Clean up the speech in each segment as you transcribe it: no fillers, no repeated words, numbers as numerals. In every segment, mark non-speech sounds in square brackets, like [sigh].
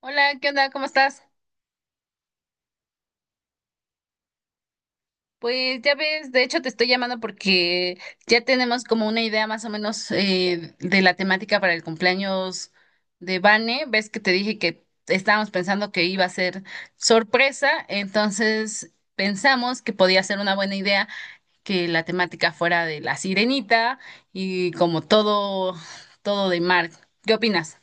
Hola, ¿qué onda? ¿Cómo estás? Pues ya ves, de hecho te estoy llamando porque ya tenemos como una idea más o menos de la temática para el cumpleaños de Vane. Ves que te dije que estábamos pensando que iba a ser sorpresa, entonces pensamos que podía ser una buena idea que la temática fuera de la sirenita y como todo, todo de mar. ¿Qué opinas?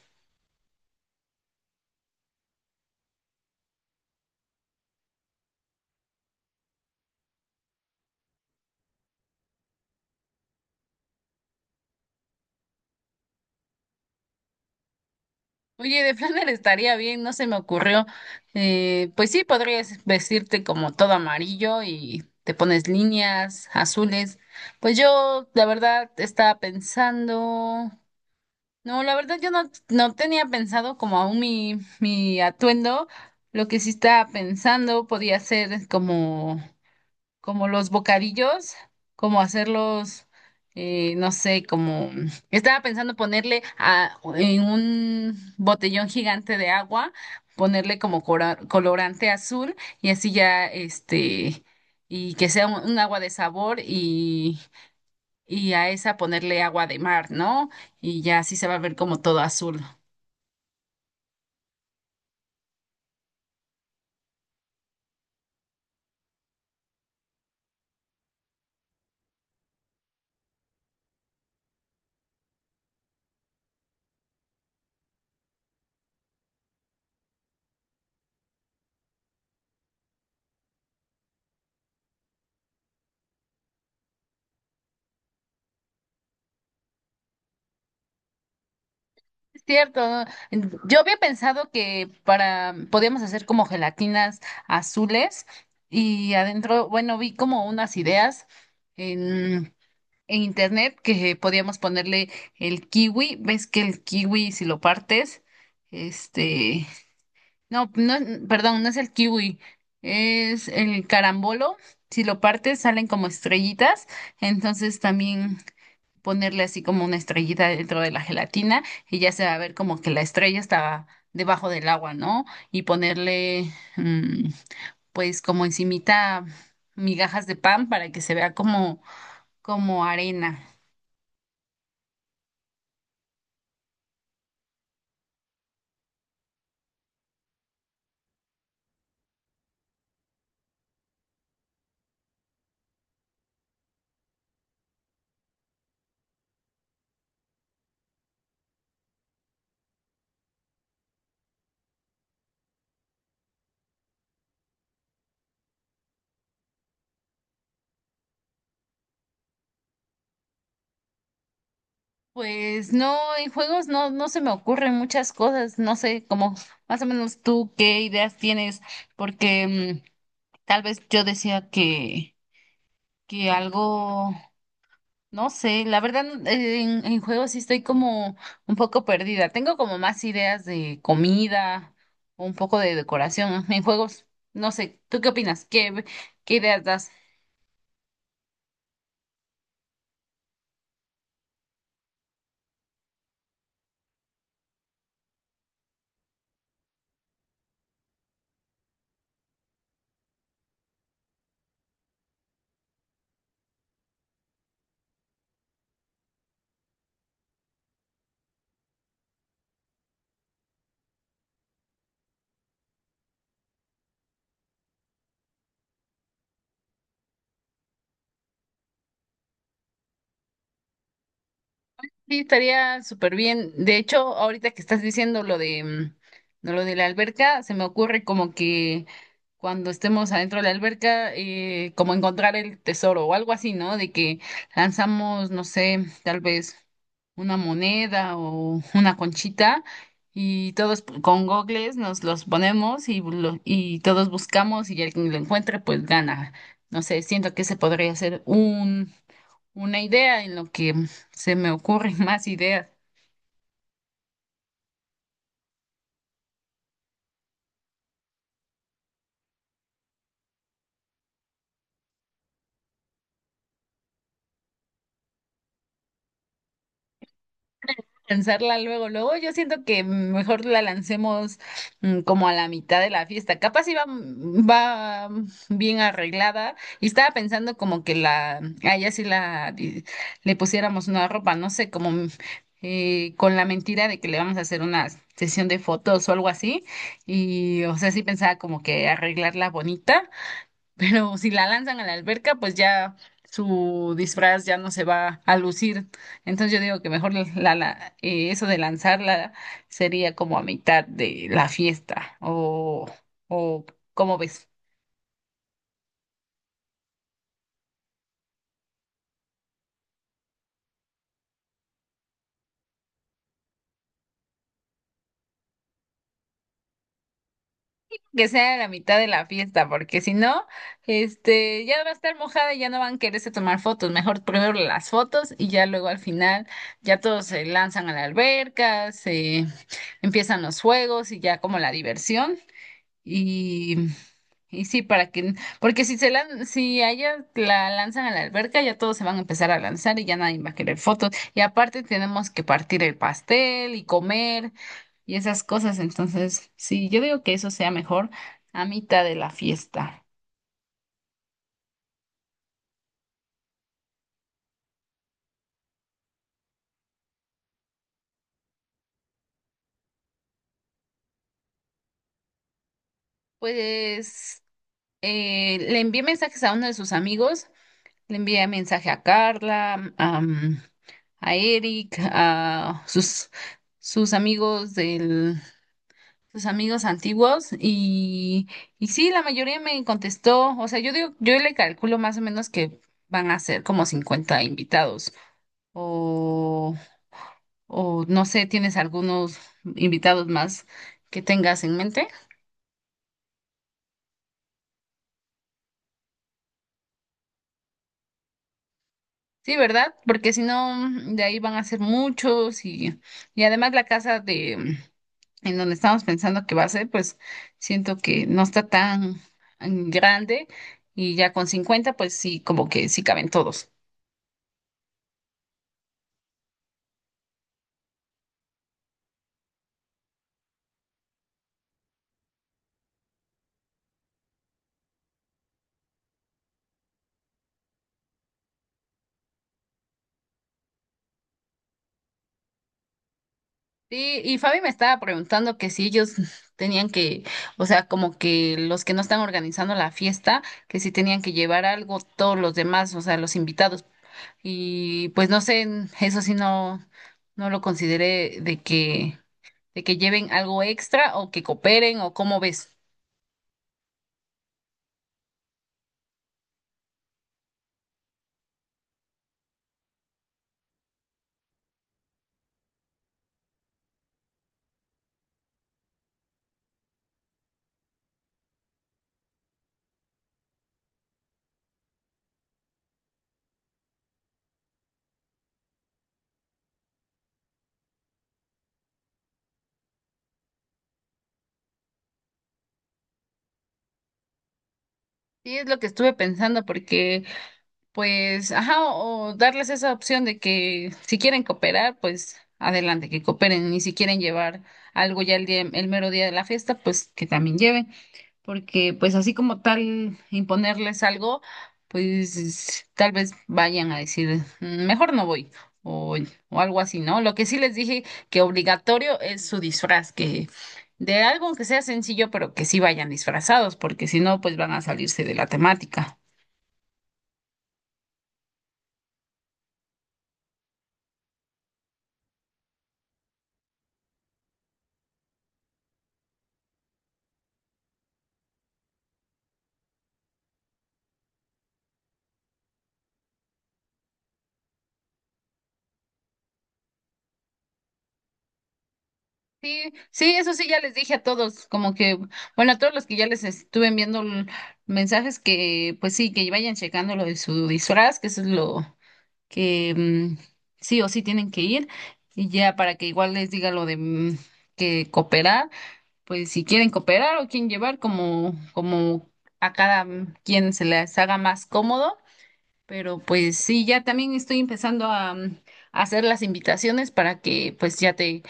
Oye, de Flanner estaría bien, no se me ocurrió. Pues sí, podrías vestirte como todo amarillo y te pones líneas azules. Pues yo, la verdad, estaba pensando. No, la verdad, yo no, no tenía pensado como aún mi atuendo. Lo que sí estaba pensando podía ser como como los bocadillos, como hacerlos, no sé, como estaba pensando ponerle en un botellón gigante de agua, ponerle como colorante azul y así ya, este, y que sea un agua de sabor y a esa ponerle agua de mar, ¿no? Y ya así se va a ver como todo azul. Es cierto, ¿no? Yo había pensado que para podíamos hacer como gelatinas azules y adentro, bueno, vi como unas ideas en, en internet que podíamos ponerle el kiwi. ¿Ves que el kiwi si lo partes, este, perdón, no es el kiwi, es el carambolo. Si lo partes salen como estrellitas, entonces también ponerle así como una estrellita dentro de la gelatina y ya se va a ver como que la estrella está debajo del agua, ¿no? Y ponerle, mm, pues como encimita migajas de pan para que se vea como, como arena. Pues no, en juegos no, no se me ocurren muchas cosas, no sé, como más o menos tú qué ideas tienes, porque tal vez yo decía que algo. No sé, la verdad en juegos sí estoy como un poco perdida. Tengo como más ideas de comida o un poco de decoración en juegos. No sé, ¿tú qué opinas? ¿Qué, qué ideas das? Sí, estaría súper bien. De hecho, ahorita que estás diciendo lo de lo de la alberca, se me ocurre como que cuando estemos adentro de la alberca, como encontrar el tesoro o algo así, ¿no? De que lanzamos, no sé, tal vez una moneda o una conchita y todos con gogles nos los ponemos y todos buscamos y el que lo encuentre pues gana. No sé, siento que se podría hacer una idea en lo que se me ocurren [laughs] más ideas. Lanzarla luego, luego yo siento que mejor la lancemos como a la mitad de la fiesta. Capaz iba va bien arreglada y estaba pensando como que a ella sí le pusiéramos una ropa, no sé, como con la mentira de que le vamos a hacer una sesión de fotos o algo así. Y o sea, sí pensaba como que arreglarla bonita [laughs] pero si la lanzan a la alberca, pues ya su disfraz ya no se va a lucir. Entonces yo digo que mejor eso de lanzarla sería como a mitad de la fiesta o ¿cómo ves? Que sea a la mitad de la fiesta, porque si no, este, ya va a estar mojada y ya no van a quererse tomar fotos. Mejor primero las fotos y ya luego al final ya todos se lanzan a la alberca, se empiezan los juegos y ya como la diversión. Y, y sí, para que, porque si se lan, si a ella la lanzan a la alberca, ya todos se van a empezar a lanzar y ya nadie va a querer fotos. Y aparte tenemos que partir el pastel y comer y esas cosas. Entonces, sí, yo digo que eso sea mejor a mitad de la fiesta. Pues le envié mensajes a uno de sus amigos, le envié mensaje a Carla, am, a Eric, sus amigos del sus amigos antiguos y sí, la mayoría me contestó, o sea, yo digo, yo le calculo más o menos que van a ser como 50 invitados o, o no sé, ¿tienes algunos invitados más que tengas en mente? Sí, ¿verdad? Porque si no, de ahí van a ser muchos y además la casa de en donde estamos pensando que va a ser, pues siento que no está tan grande y ya con 50 pues sí, como que sí caben todos. Sí, y Fabi me estaba preguntando que si ellos [laughs] tenían que, o sea, como que los que no están organizando la fiesta, que si tenían que llevar algo todos los demás, o sea, los invitados. Y pues no sé, eso sí no, no lo consideré de que lleven algo extra o que cooperen o cómo ves. Sí, es lo que estuve pensando porque pues, ajá, o darles esa opción de que si quieren cooperar, pues adelante, que cooperen, y si quieren llevar algo ya el mero día de la fiesta, pues que también lleven, porque pues así como tal imponerles algo, pues tal vez vayan a decir, "Mm, mejor no voy. O, o algo así, ¿no? Lo que sí les dije que obligatorio es su disfraz, que de algo que sea sencillo, pero que sí vayan disfrazados, porque si no, pues van a salirse de la temática. Sí, sí, eso sí, ya les dije a todos, como que, bueno, a todos los que ya les estuve enviando mensajes que, pues sí, que vayan checando lo de su disfraz, que eso es lo que sí o sí tienen que ir, y ya para que igual les diga lo de que cooperar, pues si quieren cooperar o quieren llevar, como, como a cada quien se les haga más cómodo, pero pues sí, ya también estoy empezando a hacer las invitaciones para que pues ya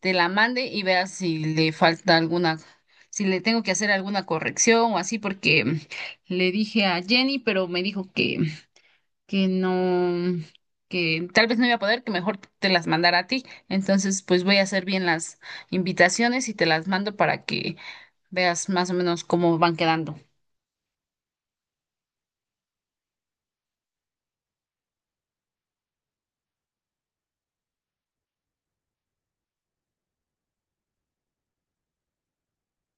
te la mande y veas si le falta alguna, si le tengo que hacer alguna corrección o así, porque le dije a Jenny, pero me dijo que no, que tal vez no iba a poder, que mejor te las mandara a ti. Entonces pues voy a hacer bien las invitaciones y te las mando para que veas más o menos cómo van quedando.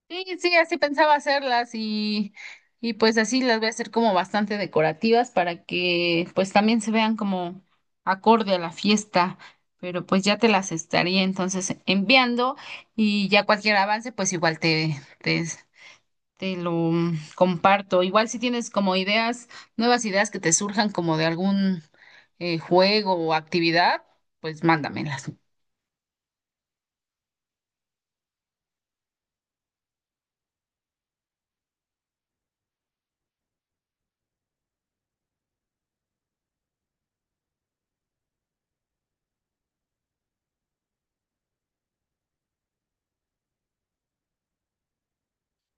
Sí, sí, así pensaba hacerlas, y pues así las voy a hacer como bastante decorativas para que pues también se vean como acorde a la fiesta, pero pues ya te las estaría entonces enviando y ya cualquier avance pues igual te lo comparto. Igual si tienes como ideas, nuevas ideas que te surjan como de algún juego o actividad, pues mándamelas.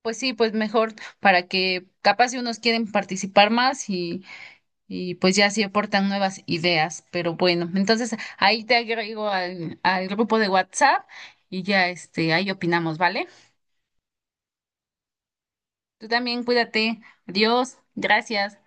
Pues sí, pues mejor para que capaz si unos quieren participar más y pues ya sí aportan nuevas ideas, pero bueno, entonces ahí te agrego al grupo de WhatsApp y ya este, ahí opinamos, ¿vale? Tú también cuídate, adiós, gracias.